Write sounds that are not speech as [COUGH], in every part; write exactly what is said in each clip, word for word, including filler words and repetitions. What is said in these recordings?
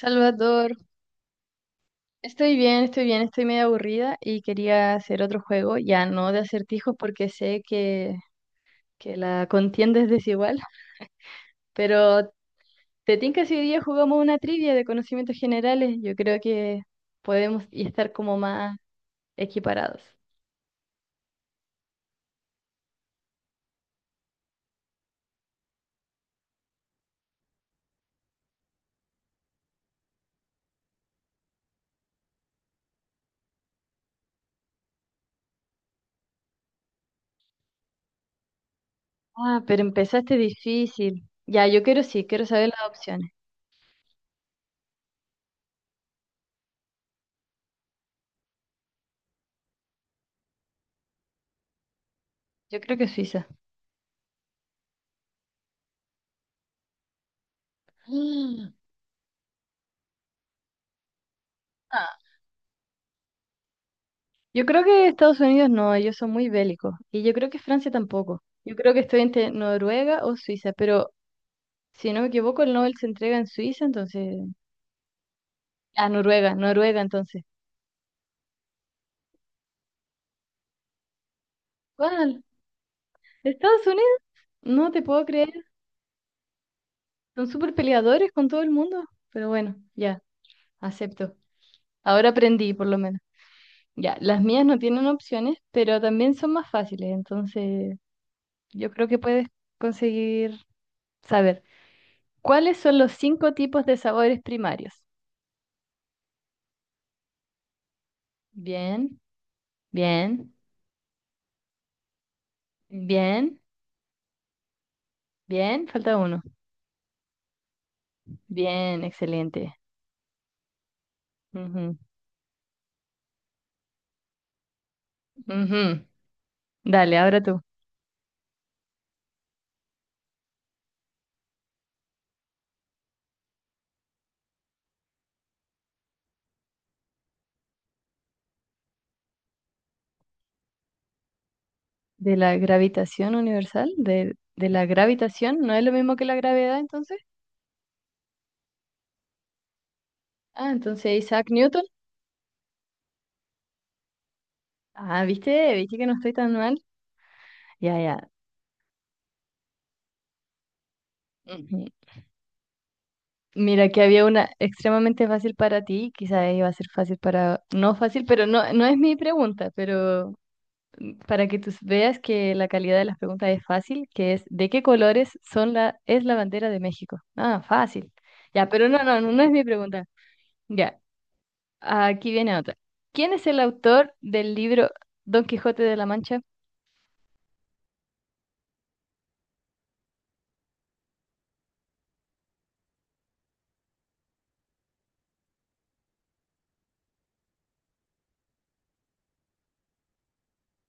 Salvador, estoy bien, estoy bien, estoy medio aburrida y quería hacer otro juego, ya no de acertijos porque sé que, que la contienda es desigual, pero te tinca si hoy día jugamos una trivia de conocimientos generales, yo creo que podemos y estar como más equiparados. Ah, pero empezaste difícil. Ya, yo quiero sí, quiero saber las opciones. Yo creo que Suiza. [GASPS] Mm. Yo creo que Estados Unidos no, ellos son muy bélicos. Y yo creo que Francia tampoco. Yo creo que estoy entre Noruega o Suiza, pero si no me equivoco, el Nobel se entrega en Suiza, entonces... Ah, Noruega, Noruega, entonces. ¿Cuál? ¿Estados Unidos? No te puedo creer. Son súper peleadores con todo el mundo. Pero bueno, ya, acepto. Ahora aprendí, por lo menos. Ya, las mías no tienen opciones, pero también son más fáciles, entonces yo creo que puedes conseguir saber. ¿Cuáles son los cinco tipos de sabores primarios? Bien, bien, bien, bien, falta uno. Bien, excelente. Ujú, ujú. Dale, ahora tú. ¿De la gravitación universal? ¿De, de la gravitación? ¿No es lo mismo que la gravedad entonces? Ah, entonces Isaac Newton. Ah, viste, viste que no estoy tan mal. Ya, ya. Ujú. Mira que había una extremadamente fácil para ti, quizás iba a ser fácil para... No fácil, pero no, no es mi pregunta, pero para que tú veas que la calidad de las preguntas es fácil, que es ¿de qué colores son la, es la bandera de México? Ah, fácil. Ya, pero no, no, no, no es mi pregunta. Ya, aquí viene otra. ¿Quién es el autor del libro Don Quijote de la Mancha?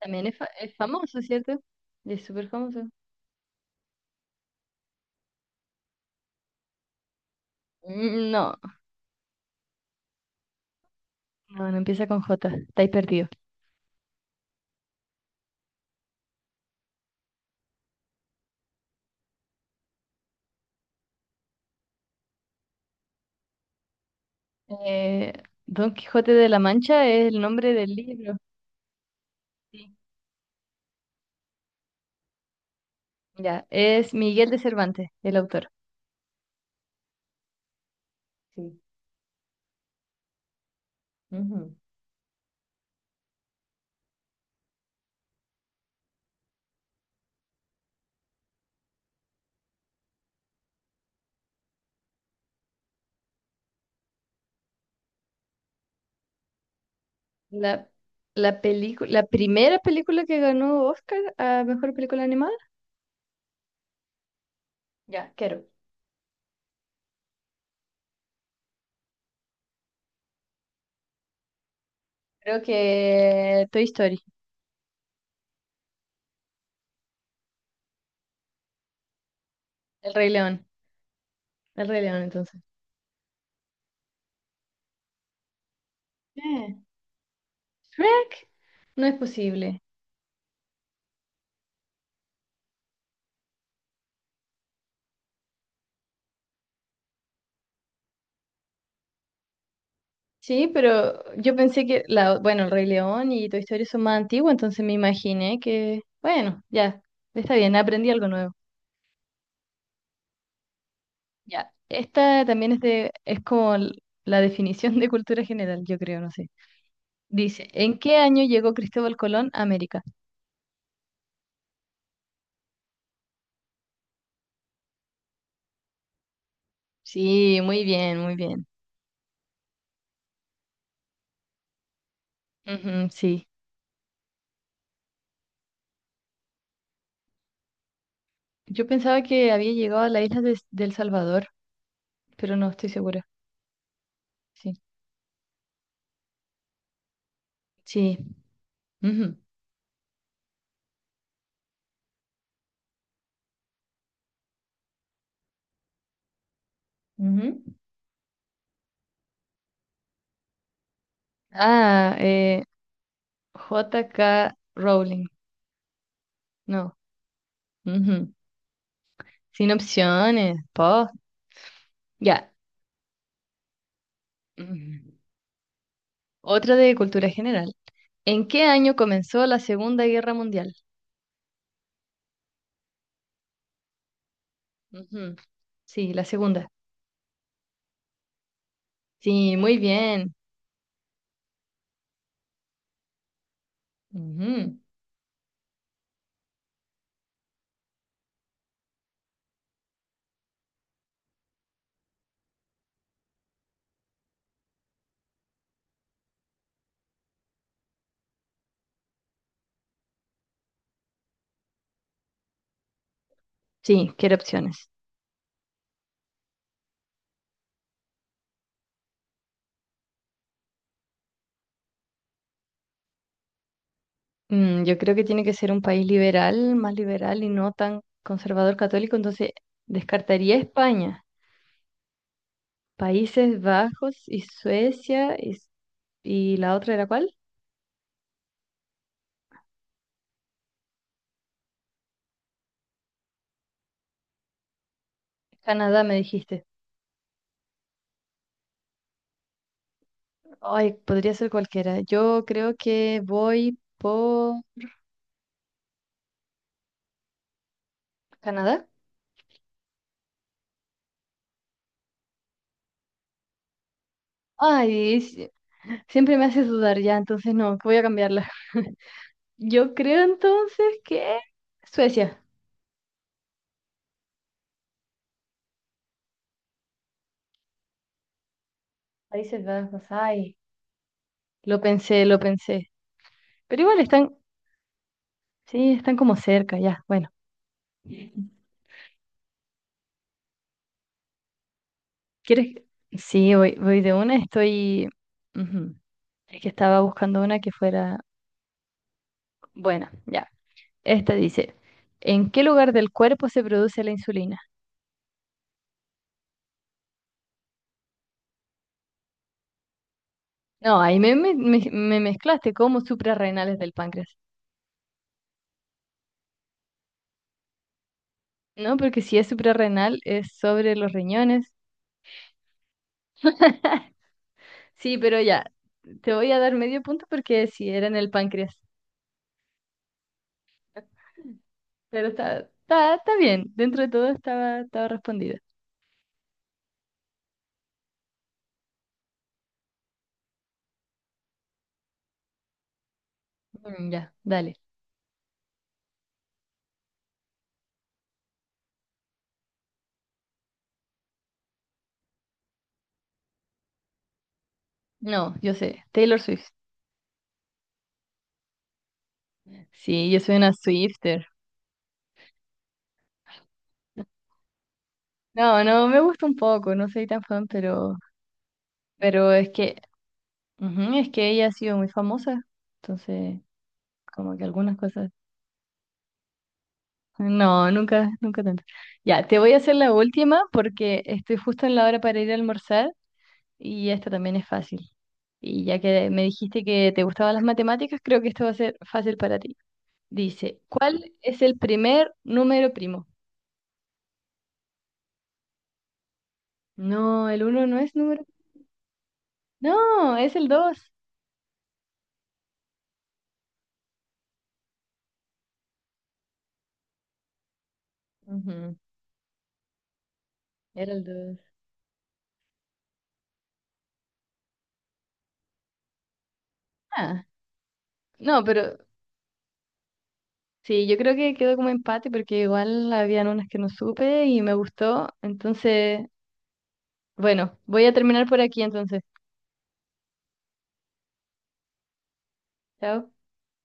También es, fa- es famoso, ¿cierto? Es súper famoso. Mm, No, no, no empieza con J, estáis perdido. Eh, Don Quijote de la Mancha es el nombre del libro. Sí. Ya, es Miguel de Cervantes, el autor. Sí. La, la película, la primera película que ganó Oscar a mejor película animada. Ya, quiero. Creo que Toy Story, El Rey León. El Rey León, entonces. Eh, Shrek. No es posible. Sí, pero yo pensé que la, bueno, El Rey León y Toy Story son más antiguos, entonces me imaginé que, bueno, ya, está bien, aprendí algo nuevo. Ya. Esta también es de, es como l- la definición de cultura general, yo creo, no sé. Dice, ¿en qué año llegó Cristóbal Colón a América? Sí, muy bien, muy bien. Ujú, sí. Yo pensaba que había llegado a la isla de, del Salvador, pero no estoy segura. Sí. Sí. Ujú, ujú. Ah, eh, J K. Rowling. No. Ujú. Sin opciones. Po. Ya. Ujú. Otra de cultura general. ¿En qué año comenzó la Segunda Guerra Mundial? Ujú. Sí, la segunda. Sí, muy bien. Ujú. Sí, quiero opciones. Mm, yo creo que tiene que ser un país liberal, más liberal y no tan conservador católico, entonces descartaría España, Países Bajos y Suecia y, ¿y la otra era cuál? Canadá, me dijiste. Ay, podría ser cualquiera. Yo creo que voy por Canadá. Ay, si- siempre me haces dudar ya, entonces no, que voy a cambiarla. [LAUGHS] Yo creo entonces que Suecia, Países Bajos, ay, lo pensé, lo pensé. Pero igual están, sí, están como cerca, ya. Bueno, ¿quieres? Sí, voy, voy de una, estoy... Ujú. Es que estaba buscando una que fuera buena, ya. Esta dice, ¿en qué lugar del cuerpo se produce la insulina? No, ahí me, me, me- me mezclaste como suprarrenales del páncreas. No, porque si es suprarrenal es sobre los riñones. Sí, pero ya, te voy a dar medio punto porque si era en el páncreas. Pero está, está, está bien, dentro de todo estaba, estaba respondida. Mm, ya, dale. No, yo sé, Taylor Swift. Sí, yo soy una Swifter. No, no, me gusta un poco, no soy tan fan, pero, pero es que, ujú, es que ella ha sido muy famosa, entonces, como que algunas cosas. No, nunca, nunca tanto. Ya, te voy a hacer la última porque estoy justo en la hora para ir a almorzar y esta también es fácil. Y ya que me dijiste que te gustaban las matemáticas, creo que esto va a ser fácil para ti. Dice, ¿cuál es el primer número primo? No, el uno no es número. No, es el dos. Ujú, era el dos. Ah, no, pero sí, yo creo que quedó como empate porque igual habían unas que no supe y me gustó. Entonces, bueno, voy a terminar por aquí entonces. Chao.